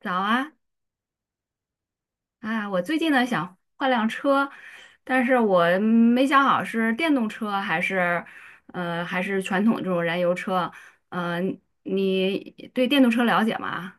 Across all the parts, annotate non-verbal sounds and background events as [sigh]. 早啊。我最近呢想换辆车，但是我没想好是电动车还是，还是传统这种燃油车。呃，你对电动车了解吗？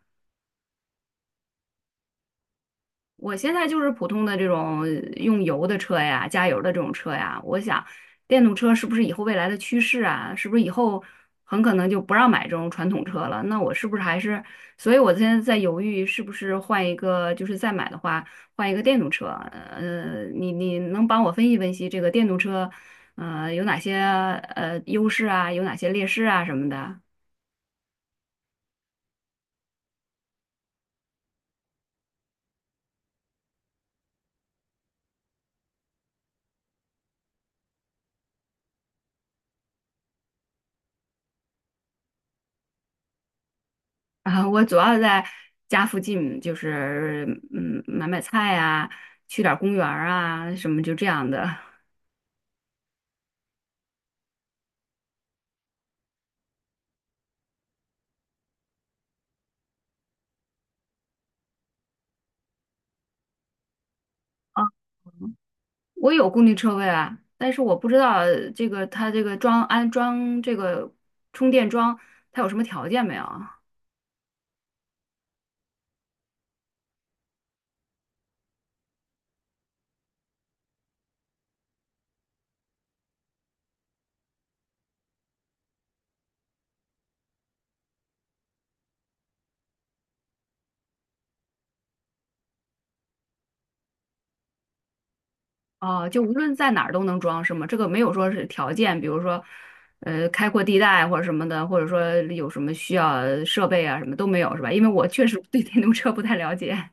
我现在就是普通的这种用油的车呀，加油的这种车呀。我想，电动车是不是以后未来的趋势啊？是不是以后很可能就不让买这种传统车了？那我是不是还是……所以我现在在犹豫，是不是换一个，就是再买的话，换一个电动车。你能帮我分析分析这个电动车，有哪些优势啊，有哪些劣势啊什么的？啊，我主要在家附近，就是买买菜啊，去点儿公园儿啊，什么就这样的。啊，[laughs] 我有固定车位啊，但是我不知道这个它这个安装这个充电桩，它有什么条件没有？哦，就无论在哪儿都能装是吗？这个没有说是条件，比如说开阔地带或者什么的，或者说有什么需要设备啊什么都没有是吧？因为我确实对电动车不太了解。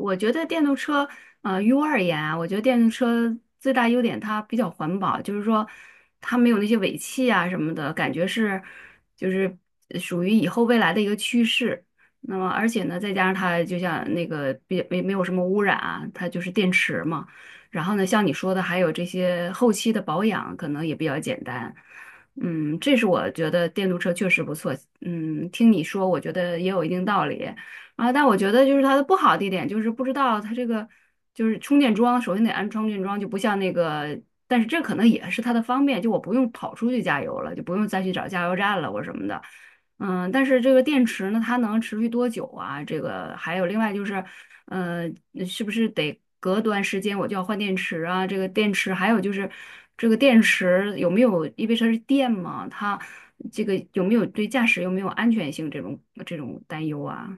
我觉得电动车，于我而言啊，我觉得电动车最大优点它比较环保，就是说它没有那些尾气啊什么的，感觉是就是属于以后未来的一个趋势。那么而且呢，再加上它就像那个别没没有什么污染啊，它就是电池嘛。然后呢，像你说的，还有这些后期的保养可能也比较简单。嗯，这是我觉得电动车确实不错。嗯，听你说，我觉得也有一定道理。啊，但我觉得就是它的不好的一点就是不知道它这个就是充电桩，首先得安充电桩，就不像那个，但是这可能也是它的方便，就我不用跑出去加油了，就不用再去找加油站了或什么的。嗯，但是这个电池呢，它能持续多久啊？这个还有另外就是，呃，是不是得隔段时间我就要换电池啊？这个电池还有就是，这个电池有没有，因为它是电嘛，它这个有没有对驾驶有没有安全性这种担忧啊？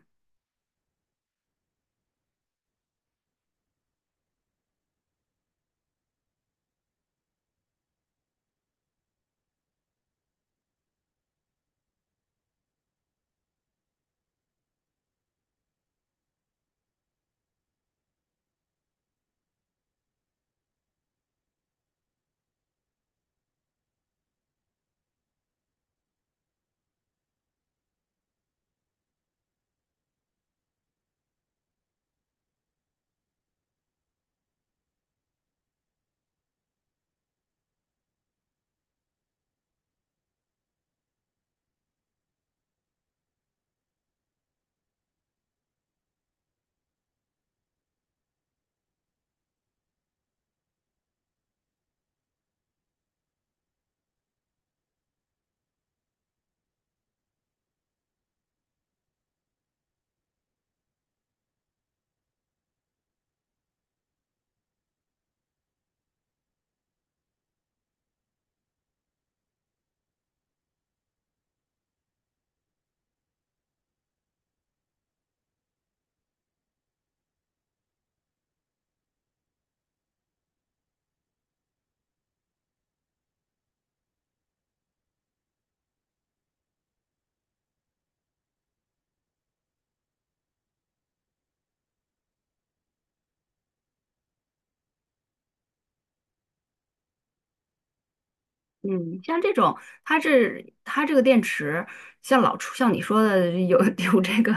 嗯，像这种，它这个电池，像老出像你说的有 [laughs] 有这个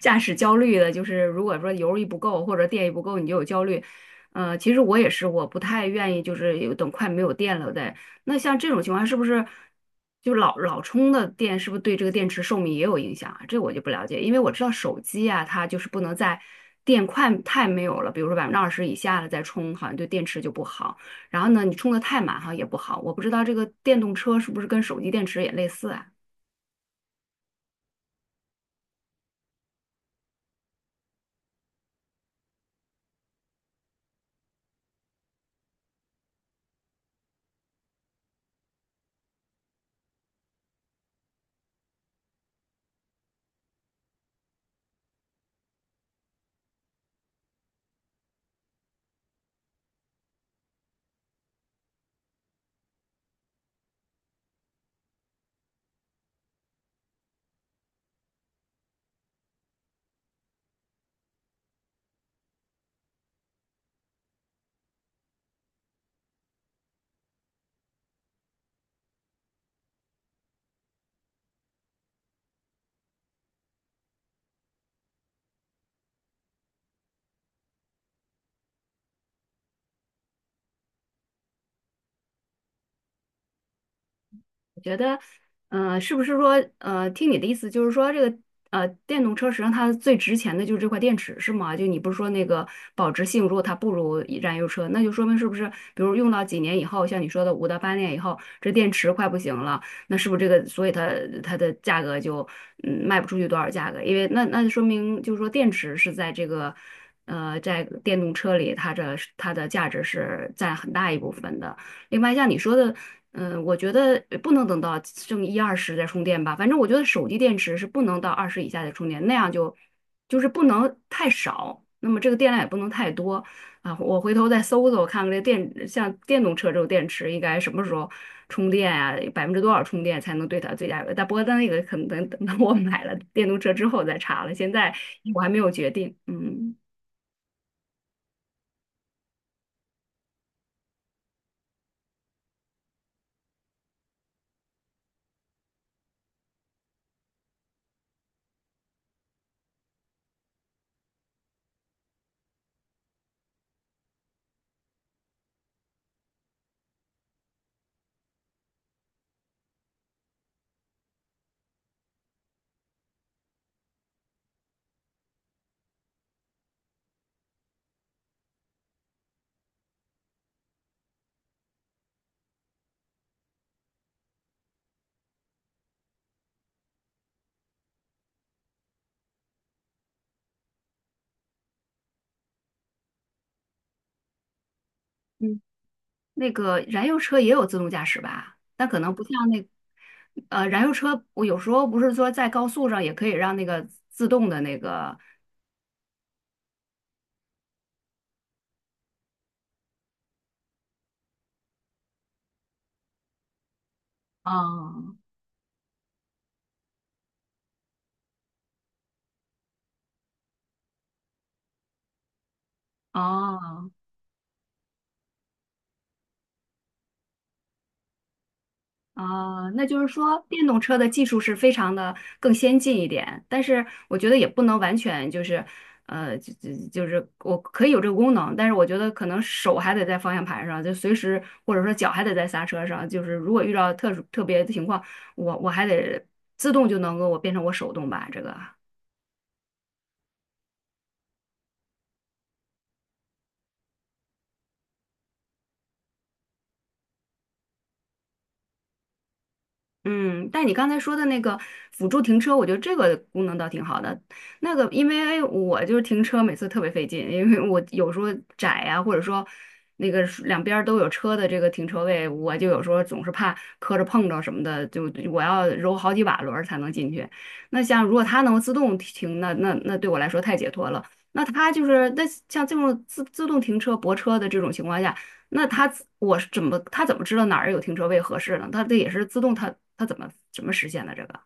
驾驶焦虑的，就是如果说油一不够或者电一不够，你就有焦虑。其实我也是，我不太愿意就是有等快没有电了再。那像这种情况，是不是就老充的电，是不是对这个电池寿命也有影响啊？这我就不了解，因为我知道手机啊，它就是不能在电快太没有了，比如说20%以下了再充，好像对电池就不好。然后呢，你充的太满哈也不好。我不知道这个电动车是不是跟手机电池也类似啊？我觉得，是不是说，听你的意思就是说，这个电动车实际上它最值钱的就是这块电池，是吗？就你不是说那个保值性，如果它不如燃油车，那就说明是不是，比如用到几年以后，像你说的5到8年以后，这电池快不行了，那是不是这个，所以它的价格就卖不出去多少价格？因为那就说明就是说电池是在这个。在电动车里，它的价值是占很大一部分的。另外，像你说的，嗯，我觉得不能等到剩一二十再充电吧。反正我觉得手机电池是不能到二十以下再充电，那样就是不能太少，那么这个电量也不能太多啊。我回头再搜搜看看这电，像电动车这种电池应该什么时候充电啊？百分之多少充电才能对它最大有？但不过那个可能等到我买了电动车之后再查了，现在我还没有决定。嗯。那个燃油车也有自动驾驶吧？但可能不像那，燃油车，我有时候不是说在高速上也可以让那个自动的那个，哦哦，啊，那就是说，电动车的技术是非常的更先进一点，但是我觉得也不能完全就是，就是我可以有这个功能，但是我觉得可能手还得在方向盘上，就随时或者说脚还得在刹车上，就是如果遇到特殊特别的情况，我还得自动就能够我变成我手动吧，这个。嗯，但你刚才说的那个辅助停车，我觉得这个功能倒挺好的。那个，因为我就是停车每次特别费劲，因为我有时候窄呀、或者说那个是两边儿都有车的这个停车位，我就有时候总是怕磕着碰着什么的，就我要揉好几把轮儿才能进去。那像如果它能自动停，那对我来说太解脱了。那它就是那像这种自动停车泊车的这种情况下。那我是怎么他怎么知道哪儿有停车位合适呢？他这也是自动他怎么实现的这个？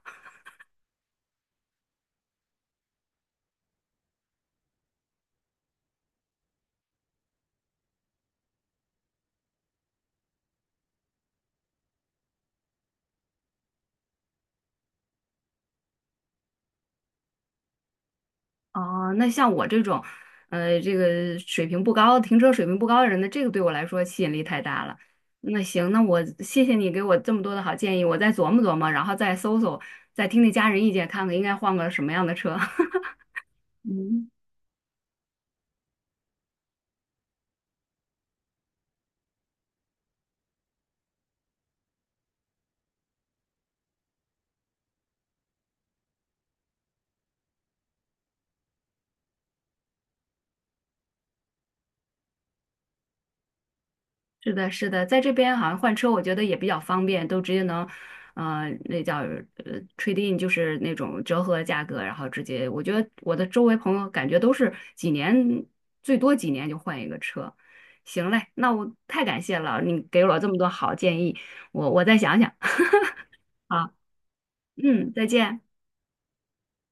哦，那像我这种，这个水平不高、停车水平不高的人呢，这个对我来说吸引力太大了。那行，那我谢谢你给我这么多的好建议，我再琢磨琢磨，然后再搜搜，再听听家人意见，看看应该换个什么样的车。[laughs] 嗯。是的，是的，在这边好像换车，我觉得也比较方便，都直接能，那叫trading 就是那种折合价格，然后直接，我觉得我的周围朋友感觉都是几年，最多几年就换一个车。行嘞，那我太感谢了，你给了我这么多好建议，我再想想。[laughs] 好，嗯，再见。